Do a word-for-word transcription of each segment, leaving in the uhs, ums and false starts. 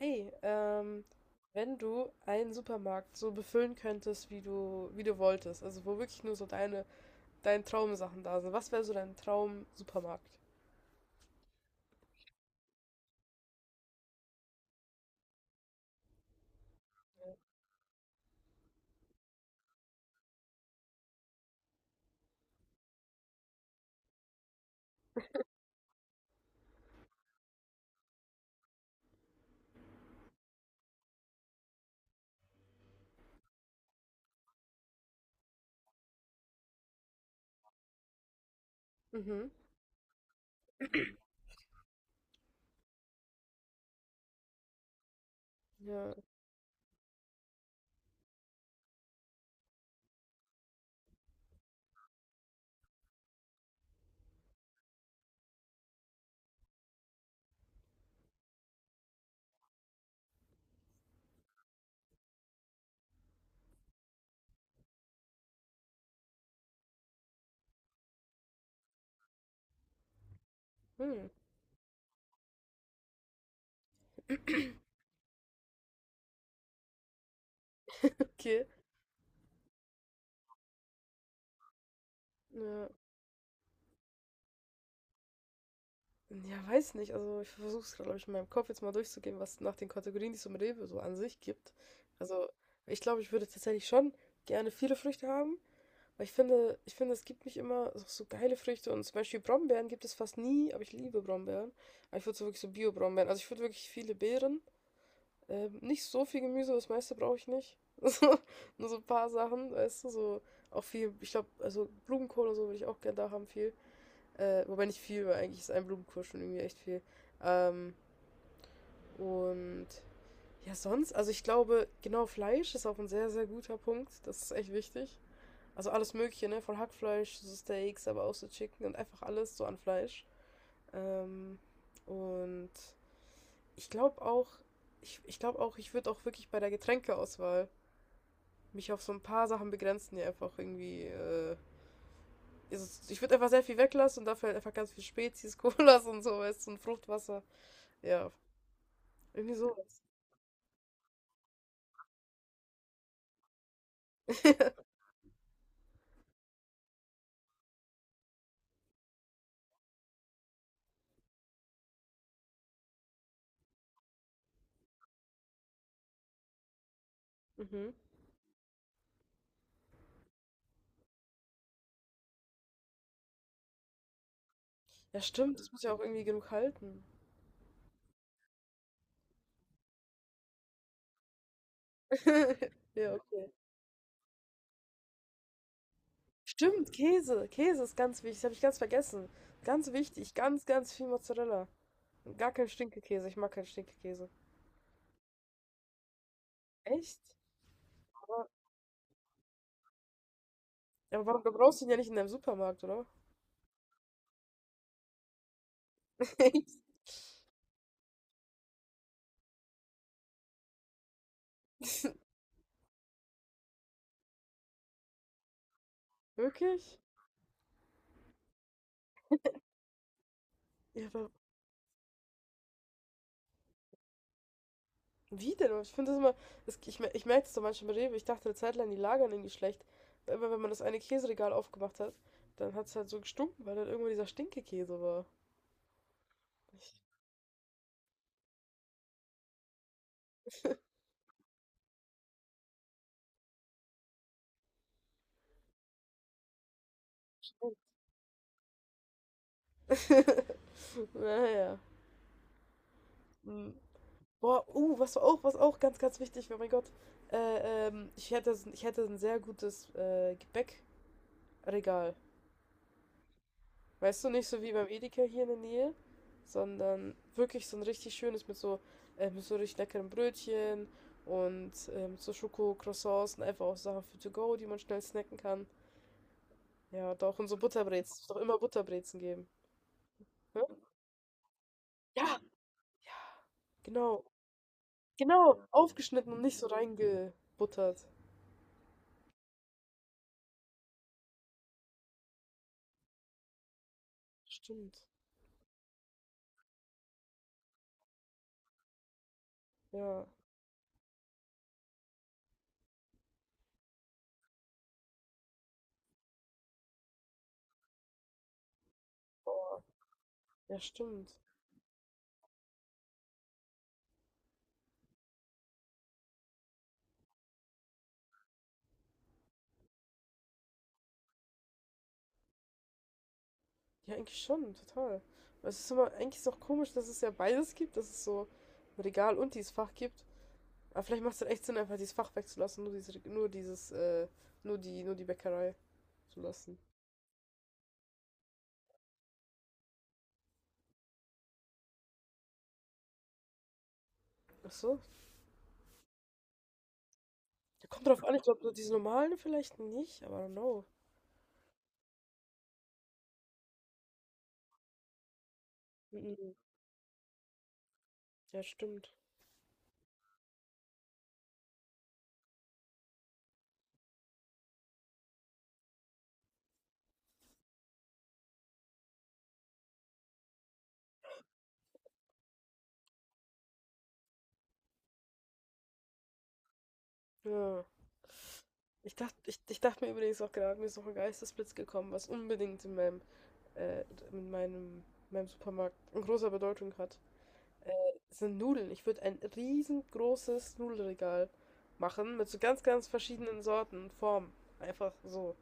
Hey, ähm, wenn du einen Supermarkt so befüllen könntest, wie du, wie du wolltest, also wo wirklich nur so deine, deine Traumsachen da sind, was wäre so dein Traum-Supermarkt? Mhm. Ja. Hm. Okay. Ja. Ja, weiß nicht. Also ich versuche es, glaube ich, in meinem Kopf jetzt mal durchzugehen, was nach den Kategorien, die es im Rewe so an sich gibt. Also ich glaube, ich würde tatsächlich schon gerne viele Früchte haben. Aber ich finde, ich finde, es gibt nicht immer so, so geile Früchte. Und zum Beispiel Brombeeren gibt es fast nie, aber ich liebe Brombeeren. Aber ich würde so wirklich so Bio-Brombeeren. Also ich würde wirklich viele Beeren. Ähm, nicht so viel Gemüse, das meiste brauche ich nicht. So, nur so ein paar Sachen, weißt du, so auch viel, ich glaube, also Blumenkohl und so würde ich auch gerne da haben, viel. Äh, wobei nicht viel, weil eigentlich ist ein Blumenkohl schon irgendwie echt viel. Ähm, und ja, sonst, also ich glaube, genau, Fleisch ist auch ein sehr, sehr guter Punkt. Das ist echt wichtig. Also alles Mögliche, ne? Von Hackfleisch, so Steaks, aber auch so Chicken und einfach alles so an Fleisch. Ähm, und Ich glaube auch, ich, ich glaube auch, ich würde auch wirklich bei der Getränkeauswahl mich auf so ein paar Sachen begrenzen, die einfach irgendwie. Äh, ist, ich würde einfach sehr viel weglassen und dafür halt einfach ganz viel Spezies, Colas und sowas und Fruchtwasser. Ja, irgendwie sowas. Mhm. Ja, stimmt, das muss ja auch irgendwie genug halten. Ja, okay. Stimmt, Käse. Käse ist ganz wichtig. Das habe ich ganz vergessen. Ganz wichtig. Ganz, ganz viel Mozzarella. Und gar kein Stinkekäse. Ich mag keinen Stinkekäse. Echt? Aber, ja, aber warum, du brauchst ihn ja nicht in deinem Supermarkt, oder? Echt? Wirklich? Ja, aber wie denn? Ich finde das immer, das, ich, mer- ich merke das so manchmal bei Rewe. Ich dachte eine Zeit lang, die lagern irgendwie schlecht. Weil immer, wenn man das eine Käseregal aufgemacht hat, dann hat es halt so gestunken, weil dann irgendwo dieser Stinkekäse war. Ich, naja. Hm. Boah, uh, was auch, was auch ganz, ganz wichtig war, mein Gott. Äh, ähm, ich hätte, ich hätte ein sehr gutes äh, Gebäckregal. Weißt du, nicht so wie beim Edeka hier in der Nähe, sondern wirklich so ein richtig schönes mit so, äh, mit so richtig leckeren Brötchen und äh, mit so Schoko-Croissants und einfach auch Sachen für to go, die man schnell snacken kann. Ja, doch, und so Butterbrezen. Es muss doch immer Butterbrezen geben. Ne? Ja, genau. Genau, aufgeschnitten und nicht so reingebuttert. Stimmt. Ja. Boah. Ja, stimmt. Ja, eigentlich schon, total. Aber es ist immer, eigentlich ist auch komisch, dass es ja beides gibt, dass es so ein Regal und dieses Fach gibt. Aber vielleicht macht es dann echt Sinn, einfach dieses Fach wegzulassen, nur dieses, nur dieses, äh, nur die, nur die Bäckerei zu lassen. Ach so. Ja, kommt drauf an, ich glaube, diese normalen vielleicht nicht, aber I don't know. Mhm. Ja, stimmt. Ja. Ich dachte, ich, ich dachte mir übrigens auch gerade, mir ist noch ein Geistesblitz gekommen, was unbedingt in meinem, äh, in meinem, meinem Supermarkt eine große Bedeutung hat. Äh, Sind Nudeln. Ich würde ein riesengroßes Nudelregal machen mit so ganz, ganz verschiedenen Sorten, Formen. Einfach so.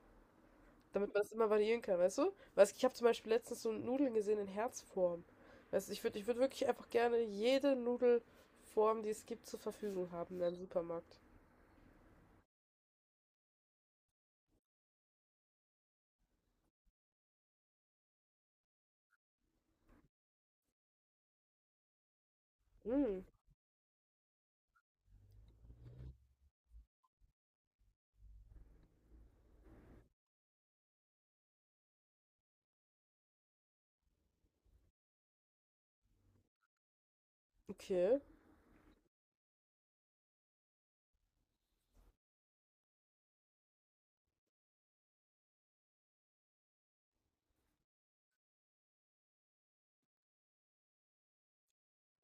Damit man es immer variieren kann, weißt du? Weißt, ich habe zum Beispiel letztens so Nudeln gesehen in Herzform. Weißt du, ich würde ich würd wirklich einfach gerne jede Nudelform, die es gibt, zur Verfügung haben in einem Supermarkt. Hm, okay.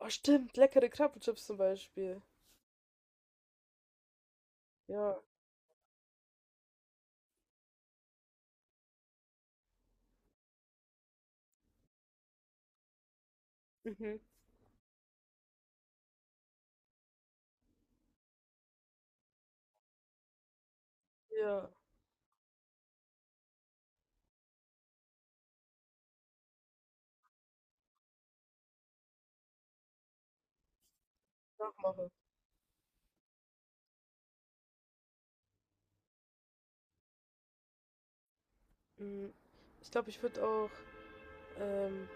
Oh, stimmt, leckere Krabbenchips zum Beispiel. Ja. Mhm. Ja, nachmache. Mhm. Ich glaube, ich würde auch ähm,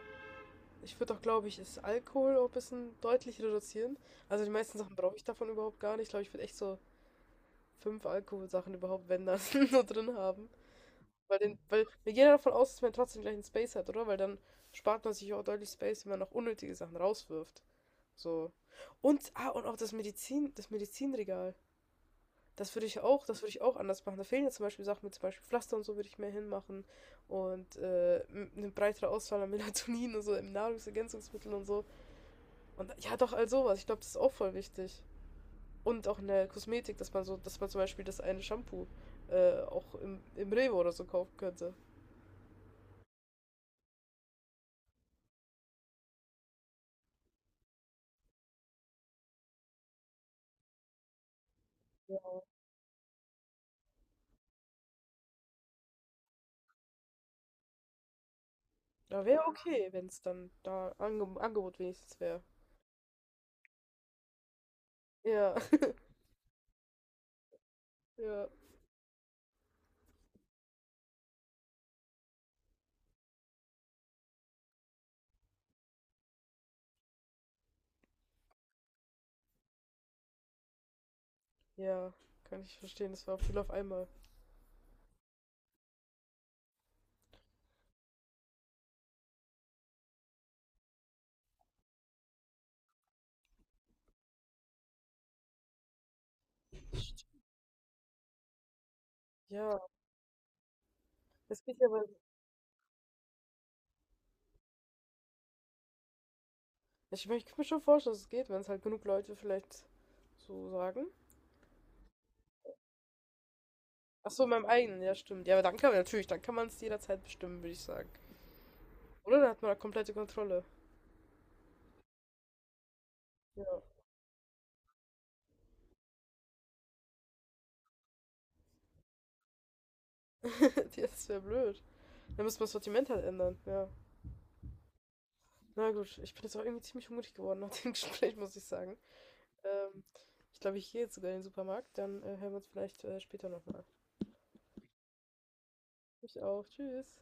Ich würde auch, glaube ich, das Alkohol auch ein bisschen deutlich reduzieren. Also die meisten Sachen brauche ich davon überhaupt gar nicht. Ich glaube, ich würde echt so fünf Alkoholsachen überhaupt, wenn das, so drin haben. Weil, den, weil wir gehen ja davon aus, dass man trotzdem gleich einen Space hat, oder? Weil dann spart man sich auch deutlich Space, wenn man noch unnötige Sachen rauswirft. So. Und, ah, und auch das Medizin, das Medizinregal. Das würde ich auch, das würde ich auch anders machen. Da fehlen ja zum Beispiel Sachen mit zum Beispiel Pflaster und so würde ich mehr hinmachen. Und äh, m- eine breitere Auswahl an Melatonin und so, im Nahrungsergänzungsmitteln und so. Und ja, doch, all sowas. Ich glaube, das ist auch voll wichtig. Und auch in der Kosmetik, dass man so, dass man zum Beispiel das eine Shampoo äh, auch im, im Rewe oder so kaufen könnte. Ja, da wäre okay, wenn es dann da Ange Angebot wenigstens wäre. Ja, ja, ja, kann ich verstehen. Das war auch viel auf einmal. Ja, das geht ja, weil ich, mein, ich kann mir schon vorstellen, dass es geht, wenn es halt genug Leute vielleicht so sagen. Ach so, in meinem eigenen, ja, stimmt. Ja, aber dann kann man natürlich, dann kann man es jederzeit bestimmen, würde ich sagen. Oder dann hat man da komplette Kontrolle. Ja. Das wäre blöd. Dann müssen wir das Sortiment halt ändern, ja. Na gut, ich bin jetzt auch irgendwie ziemlich hungrig geworden nach dem Gespräch, muss ich sagen. Ähm, Ich glaube, ich gehe jetzt sogar in den Supermarkt, dann äh, hören wir uns vielleicht äh, später nochmal. Ich auch, tschüss.